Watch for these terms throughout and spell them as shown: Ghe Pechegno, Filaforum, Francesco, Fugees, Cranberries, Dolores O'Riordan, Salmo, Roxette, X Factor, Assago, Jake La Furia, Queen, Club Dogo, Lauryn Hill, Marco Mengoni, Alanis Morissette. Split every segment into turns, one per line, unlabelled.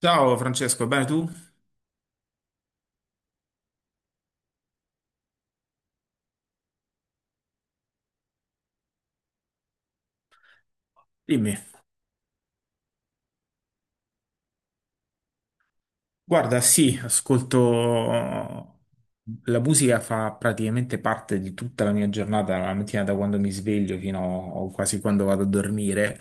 Ciao Francesco, bene tu? Dimmi. Guarda, sì, ascolto... La musica fa praticamente parte di tutta la mia giornata, la mattina da quando mi sveglio fino a quasi quando vado a dormire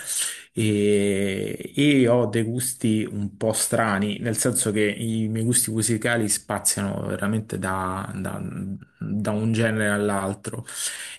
e ho dei gusti un po' strani, nel senso che i miei gusti musicali spaziano veramente da un genere all'altro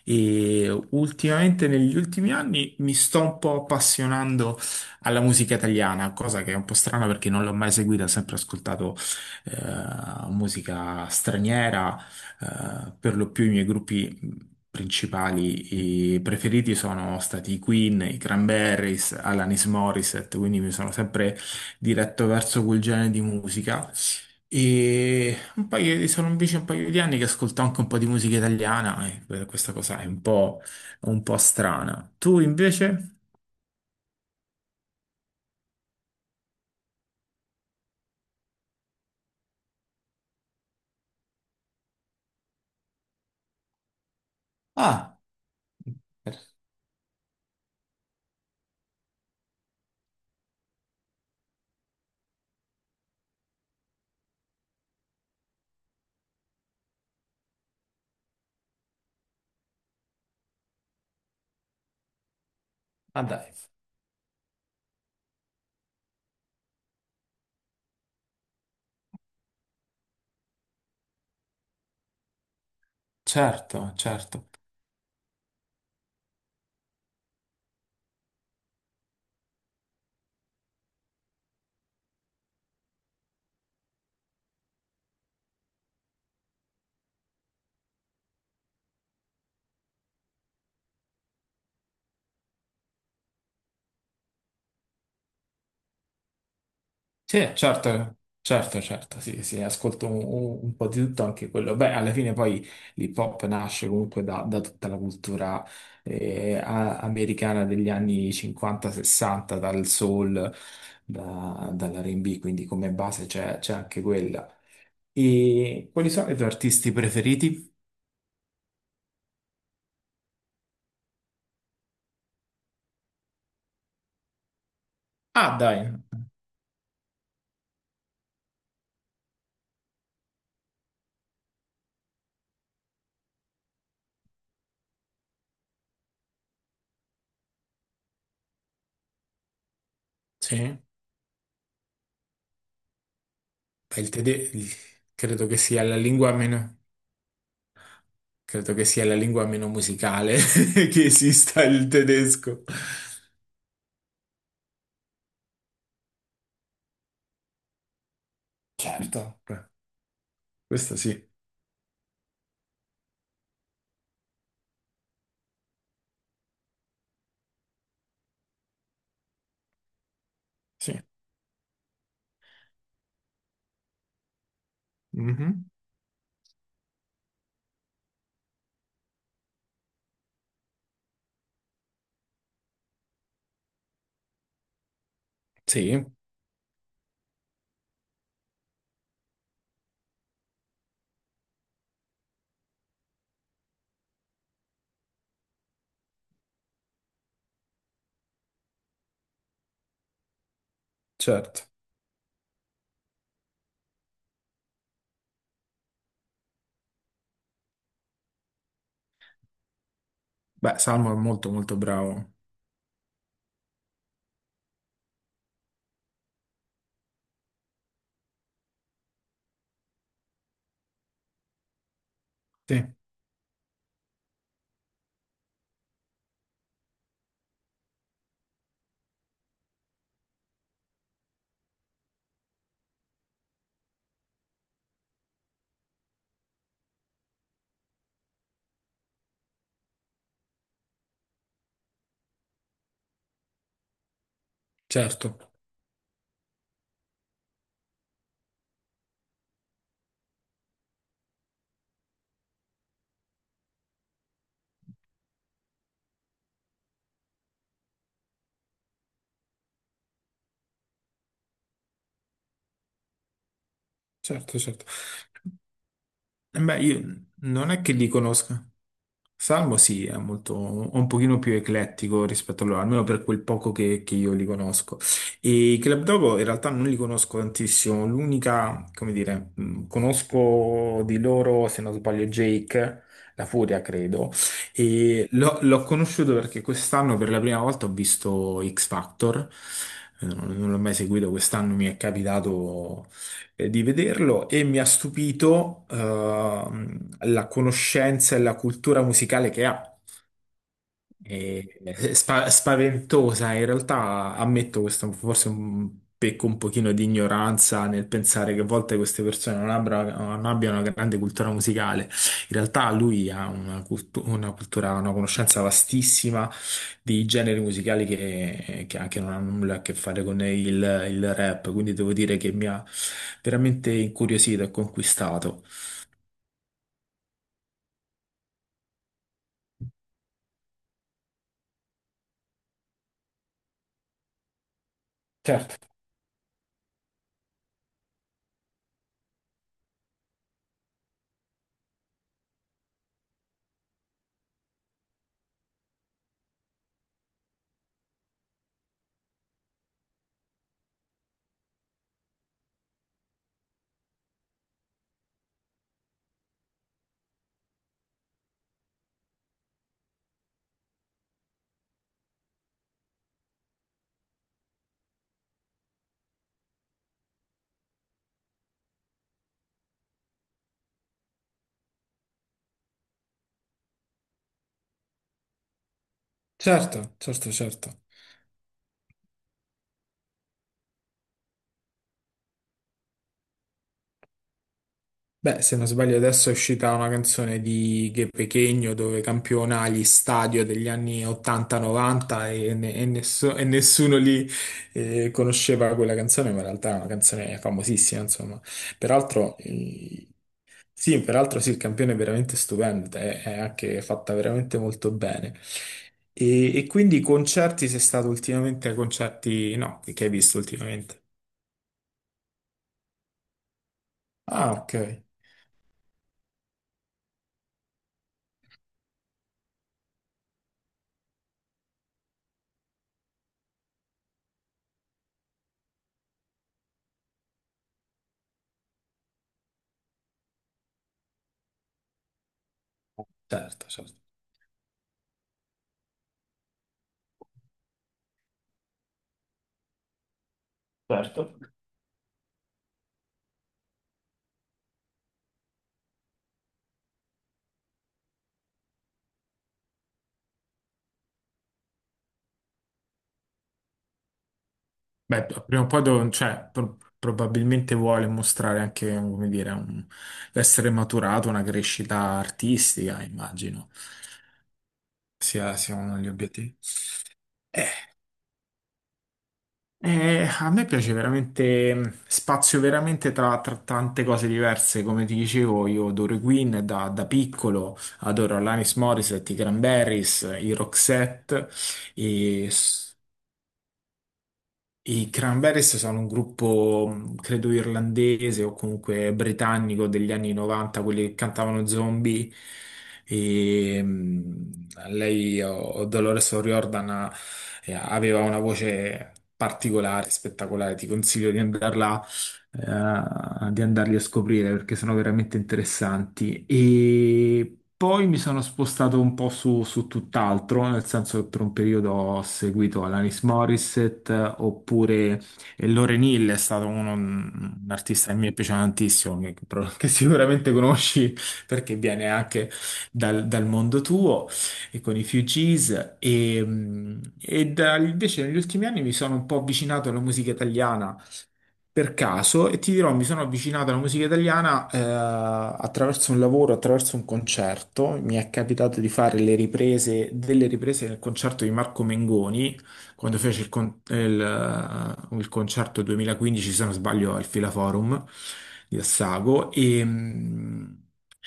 e ultimamente negli ultimi anni mi sto un po' appassionando alla musica italiana, cosa che è un po' strana perché non l'ho mai seguita, ho sempre ascoltato musica straniera, per lo più i miei gruppi principali e preferiti sono stati i Queen, i Cranberries, Alanis Morissette, quindi mi sono sempre diretto verso quel genere di musica. E sono invece un paio di anni che ascolto anche un po' di musica italiana e per questa cosa è un po' strana. Tu invece? Ah, per- ah, dai. Certo, certo. Sì, certo, certo, certo, sì, sì, ascolto un po' di tutto anche quello. Beh, alla fine poi l'hip hop nasce comunque da tutta la cultura americana degli anni 50-60, dal soul, dall'R&B, quindi come base c'è anche quella. E quali sono i tuoi artisti preferiti? Ah, dai, sì. Beh, il tedesco credo che sia la lingua meno. Credo che sia la lingua meno musicale che esista il tedesco. Certo. Beh, questo sì, sì. Mhm. Sì, certo. Beh, Salmo è molto molto bravo. Sì, certo, certo, certo. Eh beh, io non è che li conosca. Salmo sì, è molto, un pochino più eclettico rispetto a loro, almeno per quel poco che io li conosco. E i Club Dogo in realtà non li conosco tantissimo, l'unica, come dire, conosco di loro, se non sbaglio, Jake, La Furia, credo, e l'ho conosciuto perché quest'anno per la prima volta ho visto X Factor. Non l'ho mai seguito, quest'anno mi è capitato di vederlo e mi ha stupito la conoscenza e la cultura musicale che ha. E spaventosa, in realtà ammetto questo, forse pecco un pochino di ignoranza nel pensare che a volte queste persone non abbiano una grande cultura musicale. In realtà lui ha una cultura, una conoscenza vastissima di generi musicali che anche non hanno nulla a che fare con il rap, quindi devo dire che mi ha veramente incuriosito e conquistato. Certo, certo, certo, certo. Beh, se non sbaglio adesso è uscita una canzone di Ghe Pechegno dove campiona gli stadio degli anni 80-90 e nessuno lì conosceva quella canzone, ma in realtà è una canzone famosissima, insomma. Peraltro, sì, peraltro sì, il campione è veramente stupendo, è anche fatta veramente molto bene. E quindi concerti, sei stato ultimamente ai concerti, no, che hai visto ultimamente? Ah, ok, certo, certo. Certo. Beh, prima o poi cioè, probabilmente vuole mostrare anche, come dire, essere maturato, una crescita artistica, immagino, sia, sia uno degli obiettivi. A me piace veramente, spazio veramente tra tante cose diverse, come ti dicevo, io adoro i Queen da piccolo, adoro Alanis Morissette, i Cranberries, i Roxette, e s- I Cranberries sono un gruppo, credo irlandese o comunque britannico degli anni 90, quelli che cantavano Zombie. E, lei, o Dolores O'Riordan, aveva una voce particolare, spettacolare. Ti consiglio di andarli a scoprire perché sono veramente interessanti. E poi mi sono spostato un po' su tutt'altro, nel senso che per un periodo ho seguito Alanis Morissette oppure e Lauryn Hill è stato un artista che mi piace tantissimo, che sicuramente conosci perché viene anche dal mondo tuo e con i Fugees, invece negli ultimi anni mi sono un po' avvicinato alla musica italiana per caso e ti dirò, mi sono avvicinato alla musica italiana attraverso un lavoro, attraverso un concerto. Mi è capitato di fare le riprese, delle riprese del concerto di Marco Mengoni quando fece il concerto 2015, se non sbaglio, al Filaforum di Assago e, mm,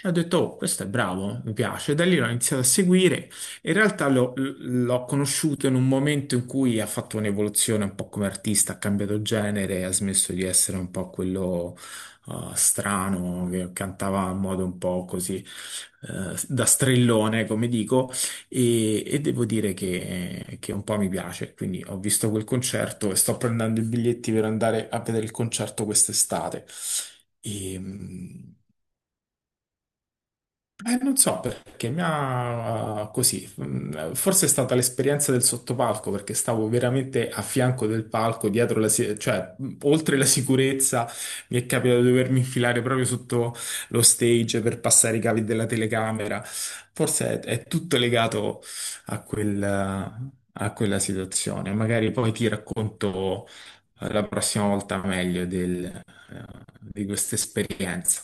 e ho detto, oh, questo è bravo, mi piace. Da lì l'ho iniziato a seguire, in realtà l'ho conosciuto in un momento in cui ha fatto un'evoluzione un po' come artista, ha cambiato genere, ha smesso di essere un po' quello strano che cantava in modo un po' così da strellone, come dico, e devo dire che un po' mi piace. Quindi ho visto quel concerto e sto prendendo i biglietti per andare a vedere il concerto quest'estate. E, non so perché mi ha così, forse è stata l'esperienza del sottopalco perché stavo veramente a fianco del palco, dietro cioè oltre la sicurezza mi è capitato di dovermi infilare proprio sotto lo stage per passare i cavi della telecamera. Forse è tutto legato a quel, a quella situazione. Magari poi ti racconto la prossima volta meglio di questa esperienza.